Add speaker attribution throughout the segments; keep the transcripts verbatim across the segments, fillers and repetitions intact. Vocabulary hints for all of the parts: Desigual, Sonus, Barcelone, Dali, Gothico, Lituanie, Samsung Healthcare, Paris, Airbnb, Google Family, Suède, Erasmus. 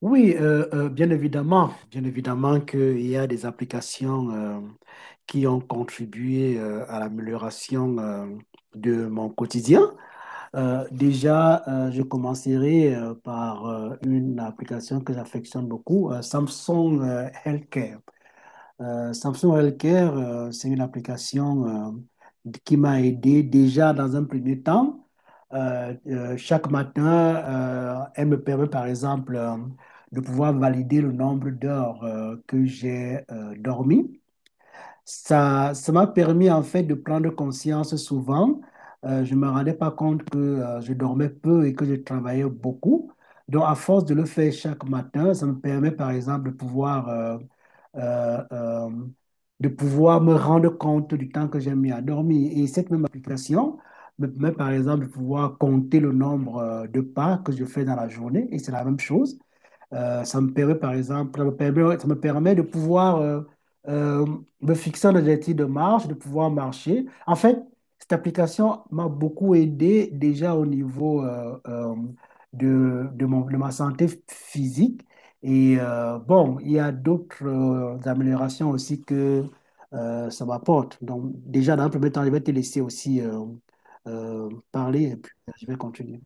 Speaker 1: Oui, euh, euh, bien évidemment, bien évidemment qu'il y a des applications euh, qui ont contribué euh, à l'amélioration euh, de mon quotidien. Euh, déjà, euh, je commencerai euh, par euh, une application que j'affectionne beaucoup, euh, Samsung euh, Healthcare. Euh, Samsung Healthcare, euh, c'est une application euh, qui m'a aidé déjà dans un premier temps. Euh, euh, chaque matin, euh, elle me permet par exemple euh, de pouvoir valider le nombre d'heures euh, que j'ai euh, dormi. Ça, ça m'a permis en fait de prendre conscience souvent. Euh, je ne me rendais pas compte que euh, je dormais peu et que je travaillais beaucoup. Donc, à force de le faire chaque matin, ça me permet par exemple de pouvoir, euh, euh, euh, de pouvoir me rendre compte du temps que j'ai mis à dormir. Et cette même application me permet par exemple de pouvoir compter le nombre euh, de pas que je fais dans la journée. Et c'est la même chose. Euh, ça me permet, par exemple, ça me permet, ouais, ça me permet de pouvoir euh, euh, me fixer un objectif de marche, de pouvoir marcher. En fait, cette application m'a beaucoup aidé déjà au niveau euh, euh, de, de, mon- de ma santé physique. Et euh, bon, il y a d'autres euh, améliorations aussi que euh, ça m'apporte. Donc, déjà, dans un premier temps, je vais te laisser aussi euh, euh, parler et puis je vais continuer.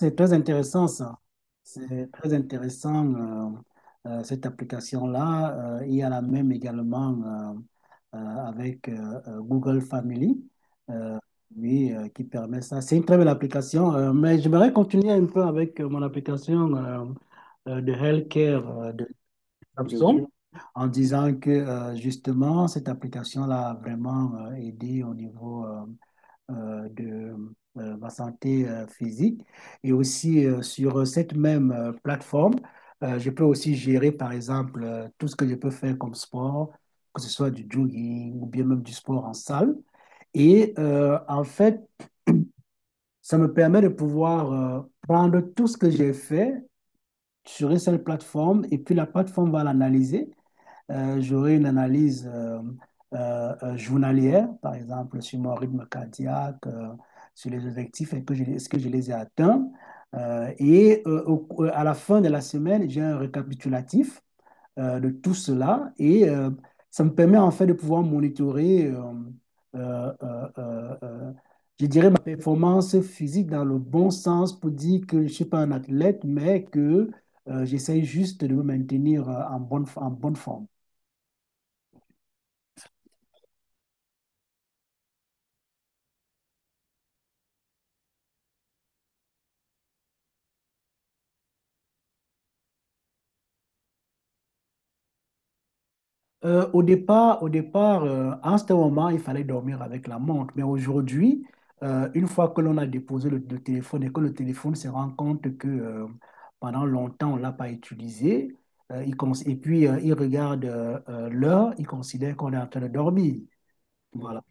Speaker 1: C'est très intéressant ça. C'est très intéressant euh, euh, cette application-là. Euh, il y a la même également euh, euh, avec euh, euh, Google Family, euh, oui, euh, qui permet ça. C'est une très belle application, euh, mais j'aimerais continuer un peu avec euh, mon application euh, euh, de healthcare euh, de Samsung en disant que euh, justement cette application-là a vraiment euh, aidé au niveau euh, euh, de euh, ma santé euh, physique. Et aussi euh, sur cette même euh, plateforme, euh, je peux aussi gérer, par exemple, euh, tout ce que je peux faire comme sport, que ce soit du jogging ou bien même du sport en salle. Et euh, en fait, ça me permet de pouvoir euh, prendre tout ce que j'ai fait sur une seule plateforme et puis la plateforme va l'analyser. Euh, j'aurai une analyse euh, euh, euh, journalière, par exemple, sur mon rythme cardiaque, euh, sur les objectifs, et que je- est-ce que je les ai atteints. Euh, et euh, au- euh, à la fin de la semaine, j'ai un récapitulatif euh, de tout cela et euh, ça me permet en fait de pouvoir monitorer, euh, euh, euh, euh, euh, je dirais, ma performance physique dans le bon sens pour dire que je ne suis pas un athlète, mais que euh, j'essaye juste de me maintenir euh, en bonne, en bonne forme. Euh, au départ, au départ euh, à un certain moment, il fallait dormir avec la montre. Mais aujourd'hui, euh, une fois que l'on a déposé le, le téléphone et que le téléphone se rend compte que euh, pendant longtemps, on ne l'a pas utilisé, euh, il cons- et puis euh, il regarde euh, euh, l'heure, il considère qu'on est en train de dormir. Voilà.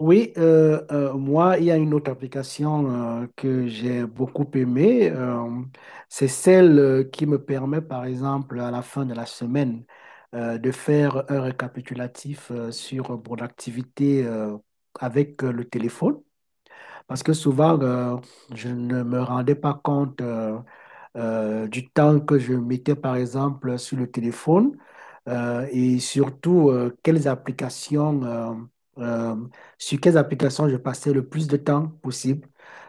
Speaker 1: Oui, euh, euh, moi, il y a une autre application euh, que j'ai beaucoup aimée. Euh, c'est celle euh, qui me permet, par exemple, à la fin de la semaine, euh, de faire un récapitulatif euh, sur mon activité euh, avec euh, le téléphone. Parce que souvent, euh, je ne me rendais pas compte. Euh, euh, du temps que je mettais par exemple sur le téléphone euh, et surtout euh, quelles applications, euh, euh, sur quelles applications je passais le plus de temps possible.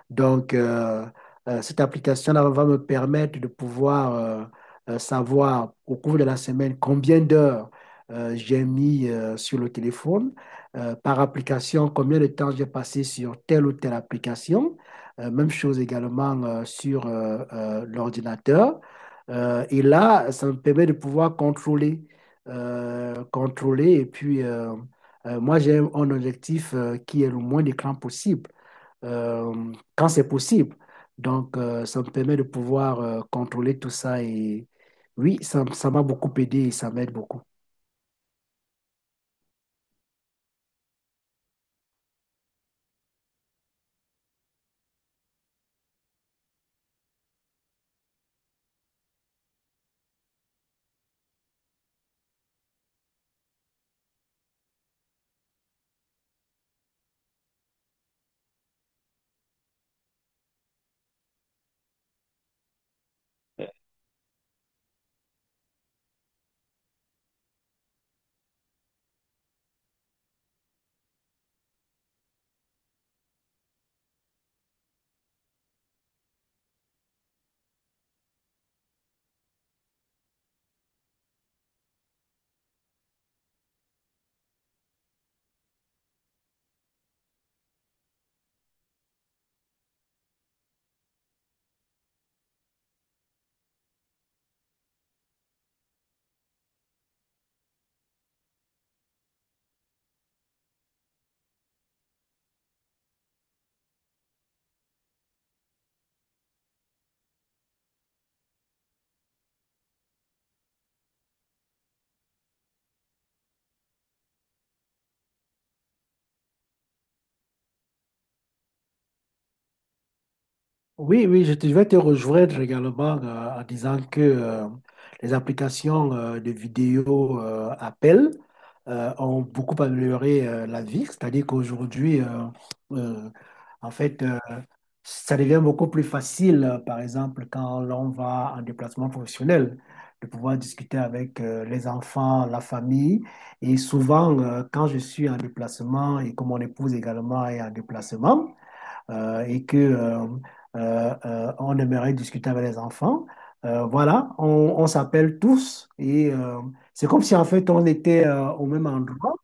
Speaker 1: Donc, euh, euh, cette application-là va me permettre de pouvoir euh, euh, savoir au cours de la semaine combien d'heures euh, j'ai mis euh, sur le téléphone, euh, par application, combien de temps j'ai passé sur telle ou telle application. Euh, même chose également euh, sur euh, euh, l'ordinateur. Euh, et là, ça me permet de pouvoir contrôler, euh, contrôler. Et puis, euh, euh, moi, j'ai un objectif euh, qui est le moins d'écran possible, euh, quand c'est possible. Donc, euh, ça me permet de pouvoir euh, contrôler tout ça. Et oui, ça, ça m'a beaucoup aidé et ça m'aide beaucoup. Oui, oui, je, te- je vais te rejoindre également euh, en disant que euh, les applications euh, de vidéo euh, appel euh, ont beaucoup amélioré euh, la vie. C'est-à-dire qu'aujourd'hui, euh, euh, en fait, euh, ça devient beaucoup plus facile, euh, par exemple, quand l'on va en déplacement professionnel, de pouvoir discuter avec euh, les enfants, la famille. Et souvent, euh, quand je suis en déplacement et que mon épouse également est en déplacement, euh, et que euh, euh, euh, on aimerait discuter avec les enfants. Euh, voilà, on, on s'appelle tous et euh, c'est comme si en fait on était euh, au même endroit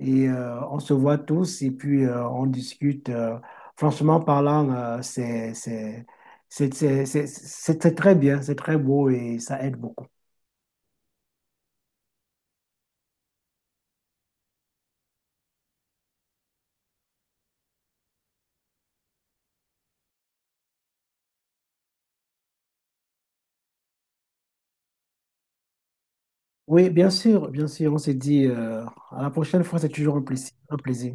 Speaker 1: et euh, on se voit tous et puis euh, on discute. Euh, franchement parlant, euh, c'est c'est- c'est- c'est- c'est- c'est- c'est très bien, c'est très beau et ça aide beaucoup. Oui, bien sûr, bien sûr, on s'est dit euh, à la prochaine fois, c'est toujours un plaisir, un plaisir.